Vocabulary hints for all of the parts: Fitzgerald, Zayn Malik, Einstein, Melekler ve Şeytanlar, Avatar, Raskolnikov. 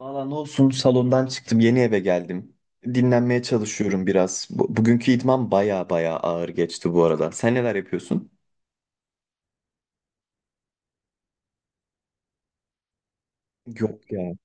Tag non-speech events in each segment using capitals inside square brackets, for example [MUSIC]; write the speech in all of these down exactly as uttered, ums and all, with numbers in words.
Valla ne olsun, salondan çıktım, yeni eve geldim. Dinlenmeye çalışıyorum biraz. Bu- bugünkü idman baya baya ağır geçti bu arada. Sen neler yapıyorsun? Yok ya.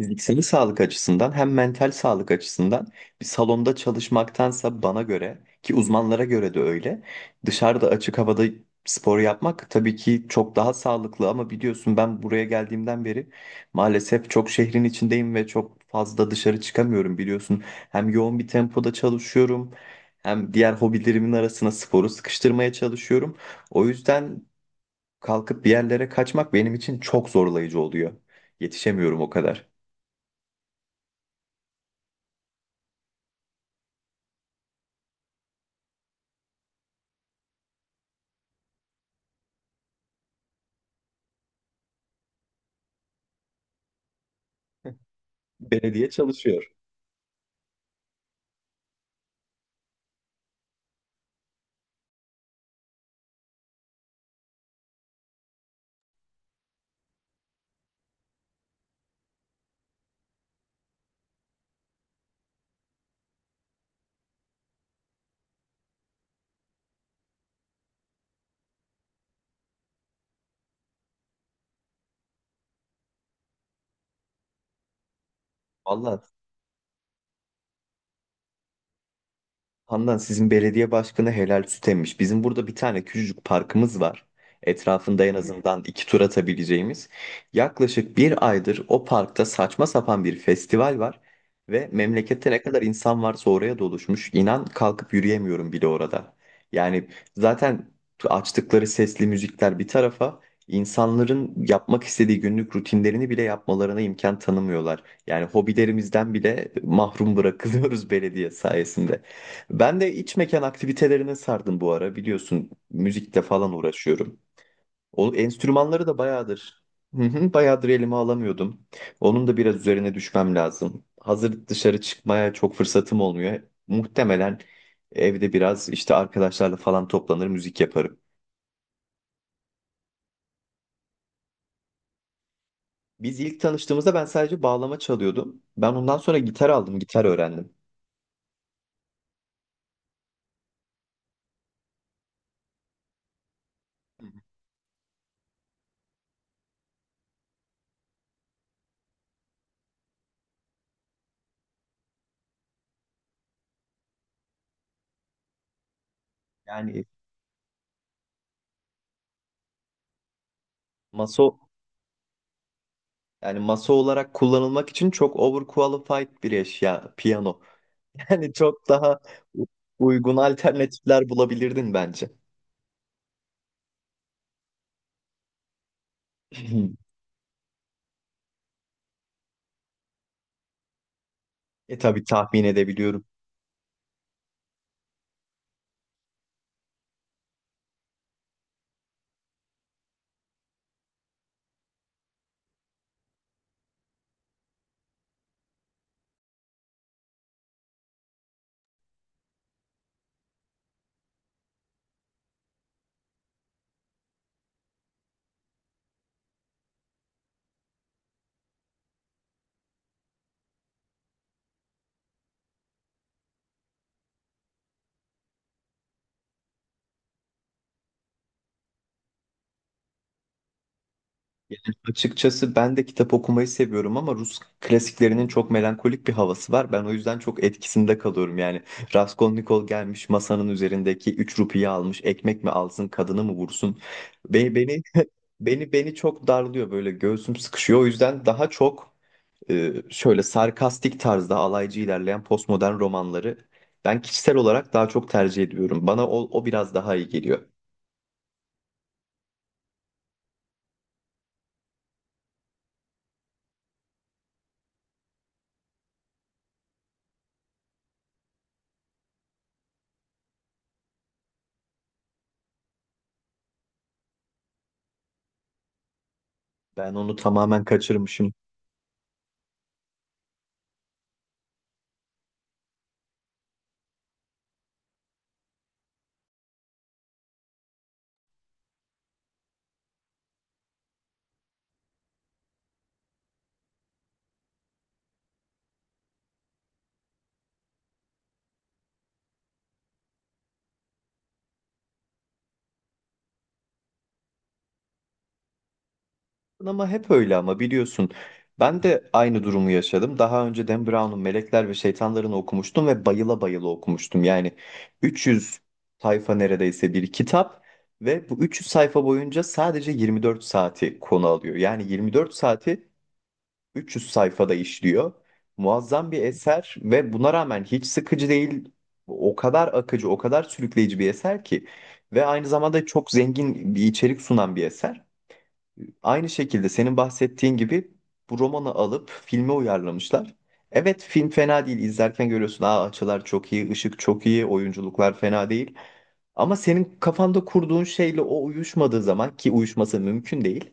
Fiziksel sağlık açısından hem mental sağlık açısından bir salonda çalışmaktansa, bana göre ki uzmanlara göre de öyle, dışarıda açık havada spor yapmak tabii ki çok daha sağlıklı, ama biliyorsun ben buraya geldiğimden beri maalesef çok şehrin içindeyim ve çok fazla dışarı çıkamıyorum biliyorsun. Hem yoğun bir tempoda çalışıyorum, hem diğer hobilerimin arasına sporu sıkıştırmaya çalışıyorum. O yüzden kalkıp bir yerlere kaçmak benim için çok zorlayıcı oluyor. Yetişemiyorum o kadar. Belediye çalışıyor. Valla Handan, sizin belediye başkanı helal süt emmiş. Bizim burada bir tane küçücük parkımız var. Etrafında en azından iki tur atabileceğimiz. Yaklaşık bir aydır o parkta saçma sapan bir festival var. Ve memlekette ne kadar insan varsa oraya doluşmuş. İnan kalkıp yürüyemiyorum bile orada. Yani zaten açtıkları sesli müzikler bir tarafa, insanların yapmak istediği günlük rutinlerini bile yapmalarına imkan tanımıyorlar. Yani hobilerimizden bile mahrum bırakılıyoruz [LAUGHS] belediye sayesinde. Ben de iç mekan aktivitelerine sardım bu ara. Biliyorsun müzikle falan uğraşıyorum. O enstrümanları da bayağıdır. Hı hı, bayağıdır elime alamıyordum. Onun da biraz üzerine düşmem lazım. Hazır dışarı çıkmaya çok fırsatım olmuyor. Muhtemelen evde biraz işte arkadaşlarla falan toplanır müzik yaparım. Biz ilk tanıştığımızda ben sadece bağlama çalıyordum. Ben ondan sonra gitar aldım, gitar öğrendim. Yani masa yani masa olarak kullanılmak için çok overqualified bir eşya piyano. Yani çok daha u- uygun alternatifler bulabilirdin bence. [LAUGHS] [CLEARS THROAT] E tabii tahmin edebiliyorum. Yani açıkçası ben de kitap okumayı seviyorum ama Rus klasiklerinin çok melankolik bir havası var. Ben o yüzden çok etkisinde kalıyorum. Yani Raskolnikov gelmiş masanın üzerindeki üç rupiyi almış. Ekmek mi alsın, kadını mı vursun? Beni beni beni beni çok darlıyor, böyle göğsüm sıkışıyor. O yüzden daha çok e, şöyle sarkastik tarzda alaycı ilerleyen postmodern romanları ben kişisel olarak daha çok tercih ediyorum. Bana o, o biraz daha iyi geliyor. Ben onu tamamen kaçırmışım. Ama hep öyle ama biliyorsun. Ben de aynı durumu yaşadım. Daha önce Dan Brown'un Melekler ve Şeytanlarını okumuştum ve bayıla bayıla okumuştum. Yani üç yüz sayfa neredeyse bir kitap ve bu üç yüz sayfa boyunca sadece yirmi dört saati konu alıyor. Yani yirmi dört saati üç yüz sayfada işliyor. Muazzam bir eser ve buna rağmen hiç sıkıcı değil. O kadar akıcı, o kadar sürükleyici bir eser ki ve aynı zamanda çok zengin bir içerik sunan bir eser. Aynı şekilde senin bahsettiğin gibi bu romanı alıp filme uyarlamışlar. Evet, film fena değil. İzlerken görüyorsun, aa, açılar çok iyi, ışık çok iyi, oyunculuklar fena değil. Ama senin kafanda kurduğun şeyle o uyuşmadığı zaman, ki uyuşması mümkün değil,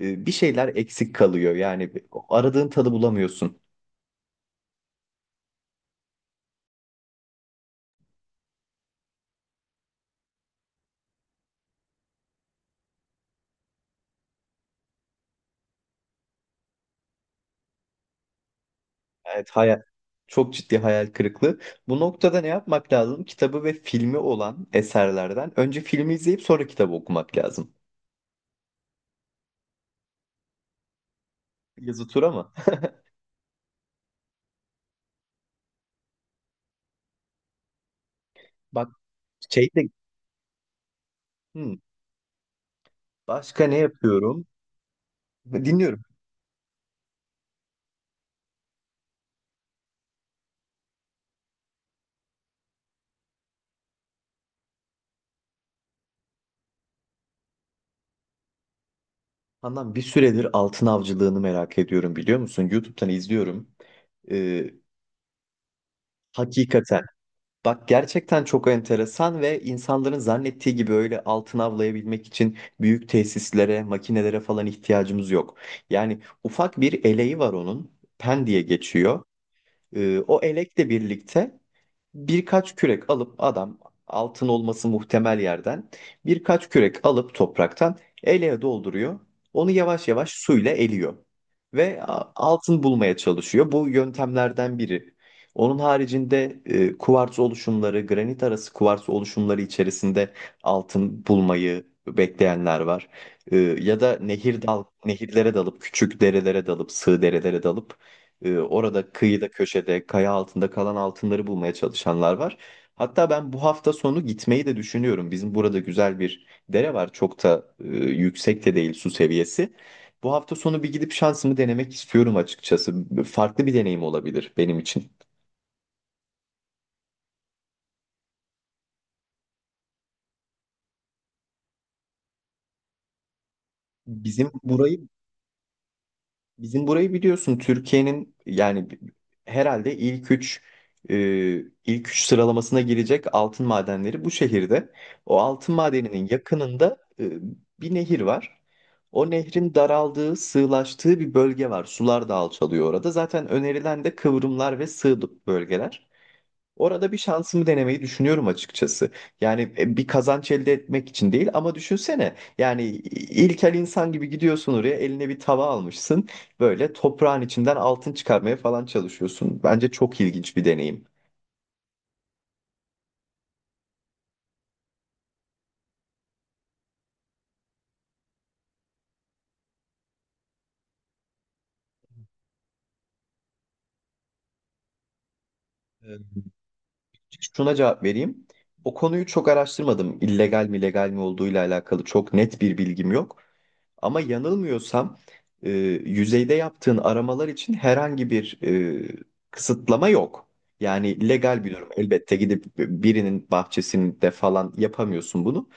e, bir şeyler eksik kalıyor. Yani aradığın tadı bulamıyorsun. Evet, hayal çok ciddi hayal kırıklığı. Bu noktada ne yapmak lazım? Kitabı ve filmi olan eserlerden önce filmi izleyip sonra kitabı okumak lazım. Yazı tura mı? Bak, şey de Hmm, başka ne yapıyorum? Dinliyorum. Handan, bir süredir altın avcılığını merak ediyorum, biliyor musun? YouTube'dan izliyorum. Ee, Hakikaten. Bak gerçekten çok enteresan ve insanların zannettiği gibi öyle altın avlayabilmek için büyük tesislere, makinelere falan ihtiyacımız yok. Yani ufak bir eleği var onun. Pen diye geçiyor. Ee, o elekle birlikte birkaç kürek alıp adam altın olması muhtemel yerden birkaç kürek alıp topraktan eleğe dolduruyor. Onu yavaş yavaş suyla eliyor ve a- altın bulmaya çalışıyor. Bu yöntemlerden biri. Onun haricinde e, kuvars oluşumları, granit arası kuvars oluşumları içerisinde altın bulmayı bekleyenler var. E, ya da nehir dal, nehirlere dalıp, küçük derelere dalıp, sığ derelere dalıp ee, orada kıyıda, köşede, kaya altında kalan altınları bulmaya çalışanlar var. Hatta ben bu hafta sonu gitmeyi de düşünüyorum. Bizim burada güzel bir dere var. Çok da e, yüksek de değil su seviyesi. Bu hafta sonu bir gidip şansımı denemek istiyorum açıkçası. Farklı bir deneyim olabilir benim için. Bizim burayı Bizim burayı biliyorsun, Türkiye'nin yani bi- herhalde ilk üç e, ilk üç sıralamasına girecek altın madenleri bu şehirde. O altın madeninin yakınında e, bir nehir var. O nehrin daraldığı, sığlaştığı bir bölge var. Sular da alçalıyor orada. Zaten önerilen de kıvrımlar ve sığ bölgeler. Orada bir şansımı denemeyi düşünüyorum açıkçası. Yani e, bir kazanç elde etmek için değil ama düşünsene. Yani ilkel insan gibi gidiyorsun oraya, eline bir tava almışsın. Böyle toprağın içinden altın çıkarmaya falan çalışıyorsun. Bence çok ilginç bir deneyim. Ee, Şuna cevap vereyim. O konuyu çok araştırmadım. İllegal mi legal mi olduğuyla alakalı çok net bir bilgim yok. Ama yanılmıyorsam e, yüzeyde yaptığın aramalar için herhangi bir e, kısıtlama yok. Yani legal bir durum. Elbette gidip birinin bahçesinde falan yapamıyorsun bunu.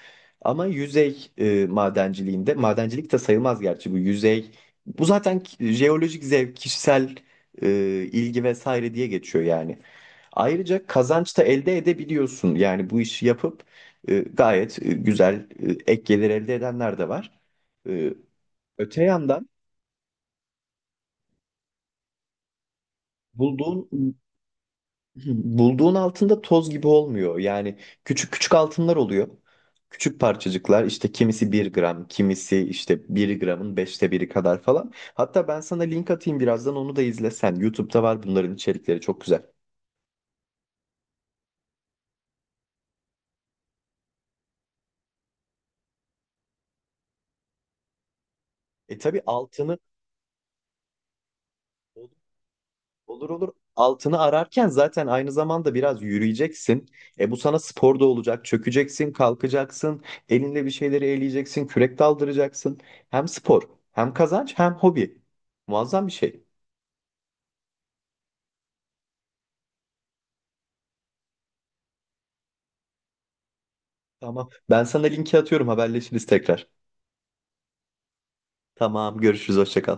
Ama yüzey e, madenciliğinde, madencilik de sayılmaz gerçi bu yüzey. Bu zaten ki- jeolojik zevk, kişisel e, ilgi vesaire diye geçiyor yani. Ayrıca kazanç da elde edebiliyorsun. Yani bu işi yapıp e, gayet e, güzel e, ek gelir elde edenler de var. Öte yandan bulduğun [CLEARS THROAT] bulduğun altında toz gibi olmuyor. Yani küçük küçük altınlar oluyor. Küçük parçacıklar, işte kimisi bir gram, kimisi işte bir gramın beşte biri kadar falan. Hatta ben sana link atayım birazdan, onu da izlesen. YouTube'da var, bunların içerikleri çok güzel. E tabii altını. Olur olur. Altını ararken zaten aynı zamanda biraz yürüyeceksin. E bu sana spor da olacak. Çökeceksin, kalkacaksın, elinle bir şeyleri eleyeceksin, kürek daldıracaksın. Hem spor, hem kazanç, hem hobi. Muazzam bir şey. Tamam. Ben sana linki atıyorum, haberleşiriz tekrar. Tamam, görüşürüz, hoşça kal.